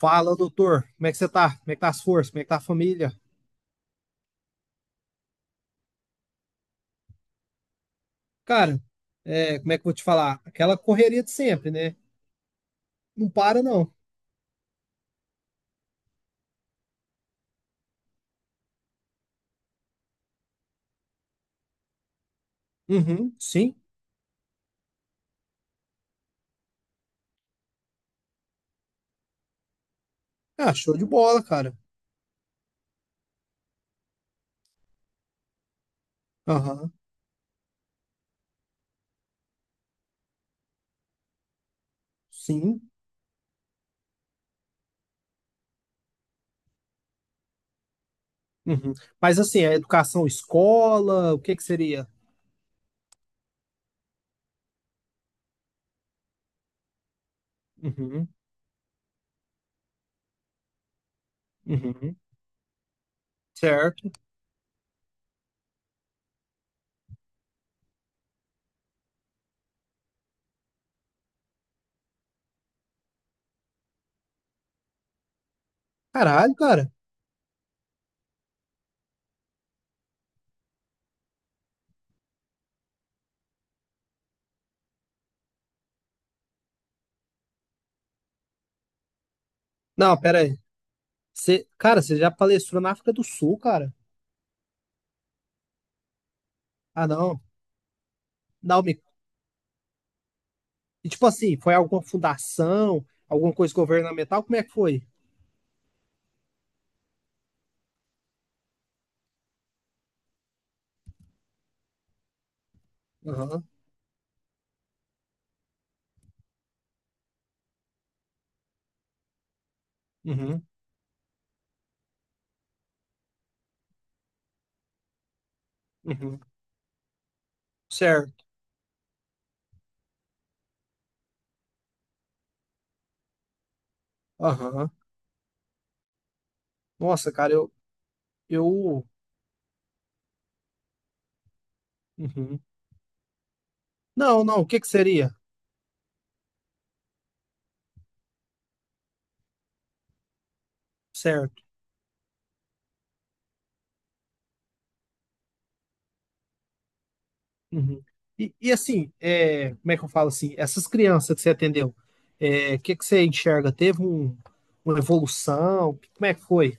Fala, doutor. Como é que você tá? Como é que tá as forças? Como é que tá a família? Cara, como é que eu vou te falar? Aquela correria de sempre, né? Não para, não. Uhum, sim. Ah, show de bola, cara. Aham, sim. Uhum. Mas assim, a educação escola, o que que seria? Uhum, uhum. Certo. Caralho, cara. Não, pera aí. Você, cara, você já palestrou na África do Sul, cara? Ah, não. Não, me... e, tipo assim, foi alguma fundação, alguma coisa governamental? Como é que foi? Aham, uhum, uhum. Certo. Aham. Nossa, cara, eu. Uhum. Não, não, o que que seria? Certo. Uhum. E assim, é, como é que eu falo assim? Essas crianças que você atendeu, é, o que que você enxerga? Teve um, uma evolução? Como é que foi?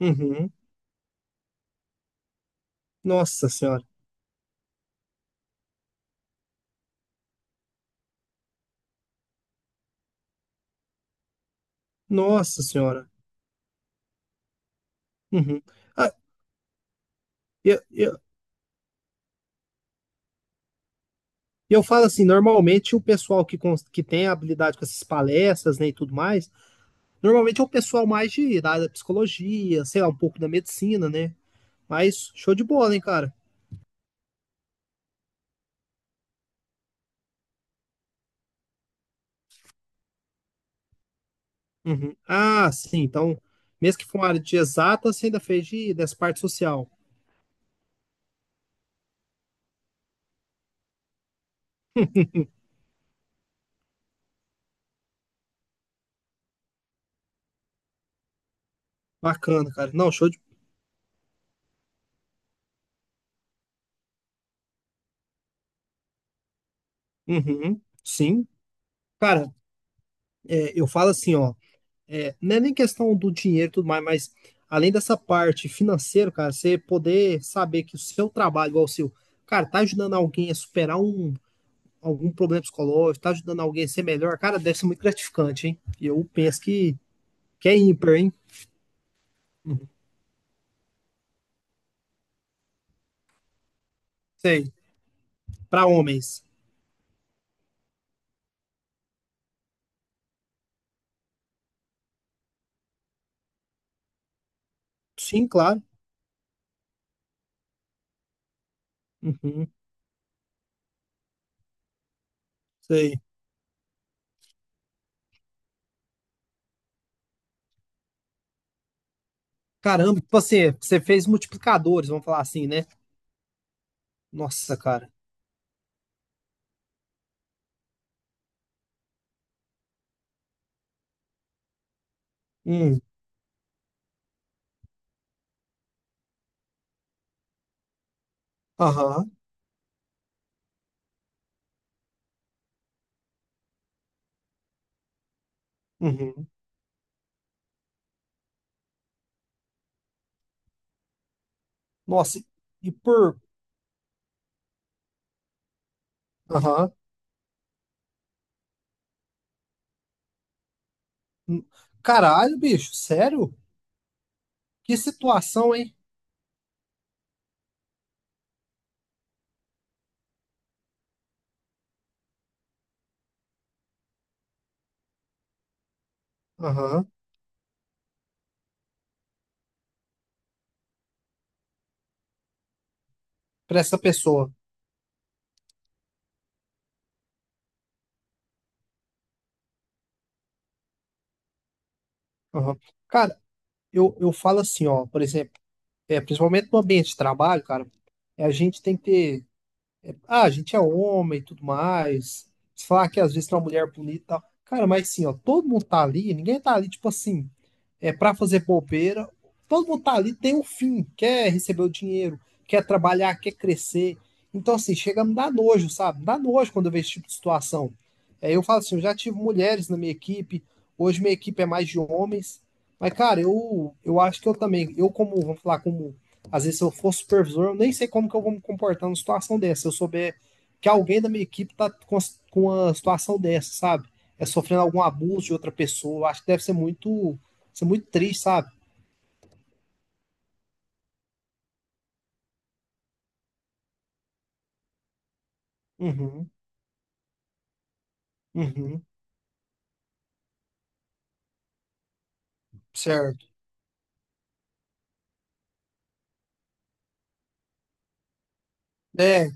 Uhum. Nossa senhora. Nossa senhora. Uhum. Ah, eu, eu, eu falo assim, normalmente o pessoal que, cons- que tem habilidade com essas palestras, né, e tudo mais, normalmente é o pessoal mais de, da área da psicologia, sei lá, um pouco da medicina, né? Mas show de bola, hein, cara? Uhum. Ah, sim. Então, mesmo que for uma área de exata, você ainda fez de, dessa parte social. Bacana, cara. Não, show de. Uhum. Sim. Cara, eu falo assim, ó. Não é nem questão do dinheiro e tudo mais, mas além dessa parte financeira, cara, você poder saber que o seu trabalho, igual o seu, cara, tá ajudando alguém a superar um, algum problema psicológico, tá ajudando alguém a ser melhor, cara, deve ser muito gratificante, hein? Que é ímpar, hein? Sei. Pra homens. Sim, claro. Uhum, sei. Caramba, tipo assim, você fez multiplicadores, vamos falar assim, né? Nossa, cara. Hum, aham, uhum. Nossa, e por. Aham. Hum. Caralho, bicho, sério? Que situação, hein? Aham, pra essa pessoa. Aham. Cara, eu falo assim, ó, por exemplo, principalmente no ambiente de trabalho, cara, a gente tem que ter É, Ah, a gente é homem e tudo mais. Se falar que às vezes tem uma mulher bonita e tal. Cara, mas sim, ó, todo mundo tá ali, ninguém tá ali, tipo assim, é pra fazer bobeira. Todo mundo tá ali, tem um fim, quer receber o dinheiro, quer trabalhar, quer crescer. Então, assim, chega a me dar nojo, sabe? Me dá nojo quando eu vejo esse tipo de situação. É, eu falo assim, eu já tive mulheres na minha equipe, hoje minha equipe é mais de homens. Mas, cara, eu acho que eu também, eu como, vamos falar, como às vezes, se eu for supervisor, eu nem sei como que eu vou me comportar numa situação dessa. Se eu souber que alguém da minha equipe tá com uma situação dessa, sabe? É sofrendo algum abuso de outra pessoa. Eu acho que deve ser muito triste, sabe? Uhum, uhum, certo. É,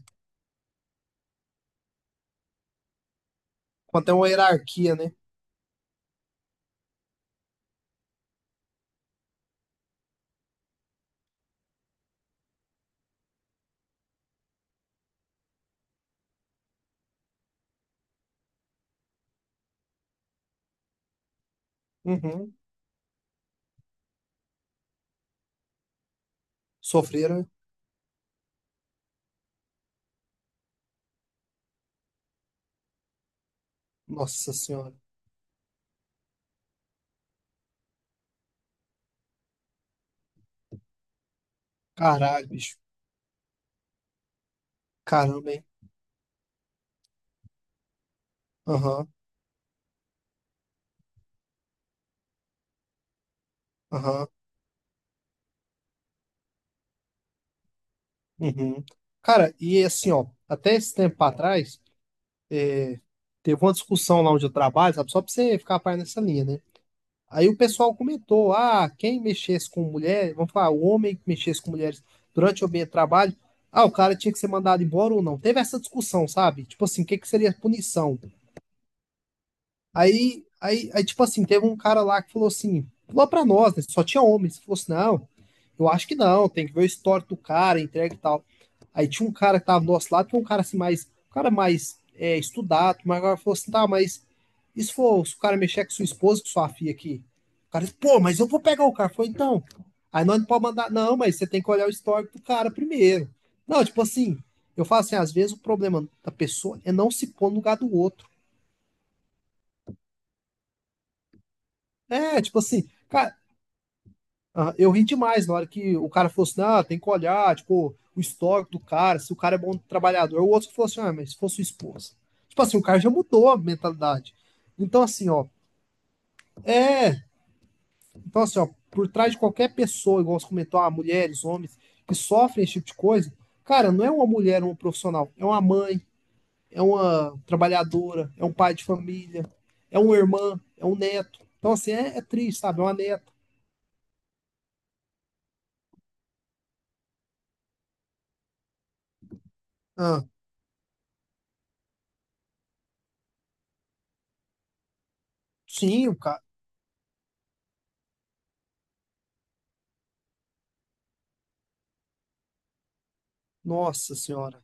quando tem uma hierarquia, né? Uhum. Sofreram. Nossa Senhora. Caralho, bicho. Caramba, hein? Aham, aham, uhum. Cara, e assim, ó, até esse tempo atrás, teve uma discussão lá onde eu trabalho, sabe? Só pra você ficar a par nessa linha, né? Aí o pessoal comentou: ah, quem mexesse com mulher, vamos falar, o homem que mexesse com mulheres durante o ambiente de trabalho, ah, o cara tinha que ser mandado embora ou não. Teve essa discussão, sabe? Tipo assim, o que que seria punição? Aí, tipo assim, teve um cara lá que falou assim, falou pra nós, né? Só tinha homens. Falou assim, não, eu acho que não, tem que ver o histórico do cara, entrega e tal. Aí tinha um cara que tava do nosso lado, que é um cara assim mais, um cara mais estudado, mas agora falou assim, tá, mas e se for, se o cara mexer com sua esposa, com sua filha aqui? O cara disse, pô, mas eu vou pegar o cara. Foi então. Aí nós não pode mandar, não, mas você tem que olhar o histórico do cara primeiro. Não, tipo assim, eu falo assim, às vezes o problema da pessoa é não se pôr no lugar do outro. É, tipo assim, cara, Ah, eu ri demais na hora que o cara falou assim, ah, tem que olhar, tipo, o histórico do cara, se o cara é bom trabalhador. O outro que falou assim, ah, mas se fosse sua esposa. Tipo assim, o cara já mudou a mentalidade. Então, assim, ó, é. Então, assim, ó, por trás de qualquer pessoa, igual você comentou, ah, mulheres, homens, que sofrem esse tipo de coisa, cara, não é uma mulher, uma profissional, é uma mãe, é uma trabalhadora, é um pai de família, é uma irmã, é um neto. Então, assim, é, é triste, sabe? É uma neta. Ah, sim, o cara. Nossa senhora.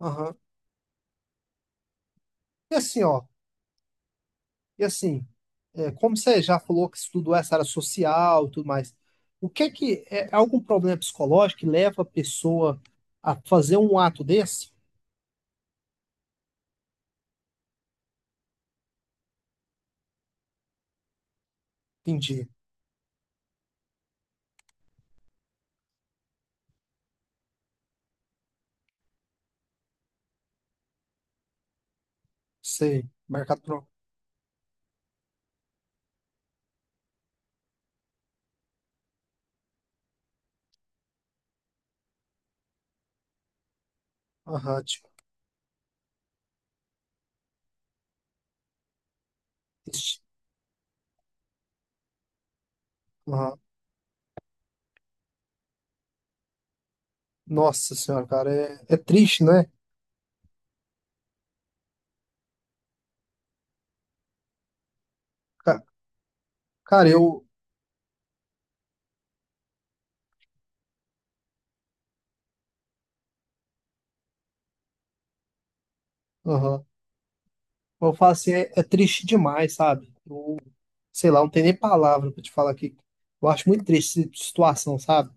Aham. E assim, ó, e assim, é, como você já falou que estudou essa área social e tudo mais, o que é que é algum problema psicológico que leva a pessoa a fazer um ato desse? Entendi. Sei. Mercado pro. Aham, tipo, triste. Aham. Nossa senhora, cara, é, é triste, né? Ca- Cara, eu. Aham. Eu falo assim, é, é triste demais, sabe? Eu- sei lá, não tem nem palavra pra te falar aqui. Eu acho muito triste essa situação, sabe?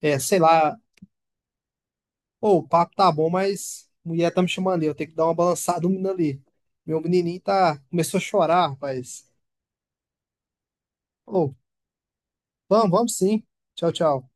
É, sei lá, Pô, o papo tá bom, mas a mulher tá me chamando ali. Eu tenho que dar uma balançada no menino ali. Meu menininho tá, começou a chorar, rapaz. Ô, vamos, vamos sim. Tchau, tchau.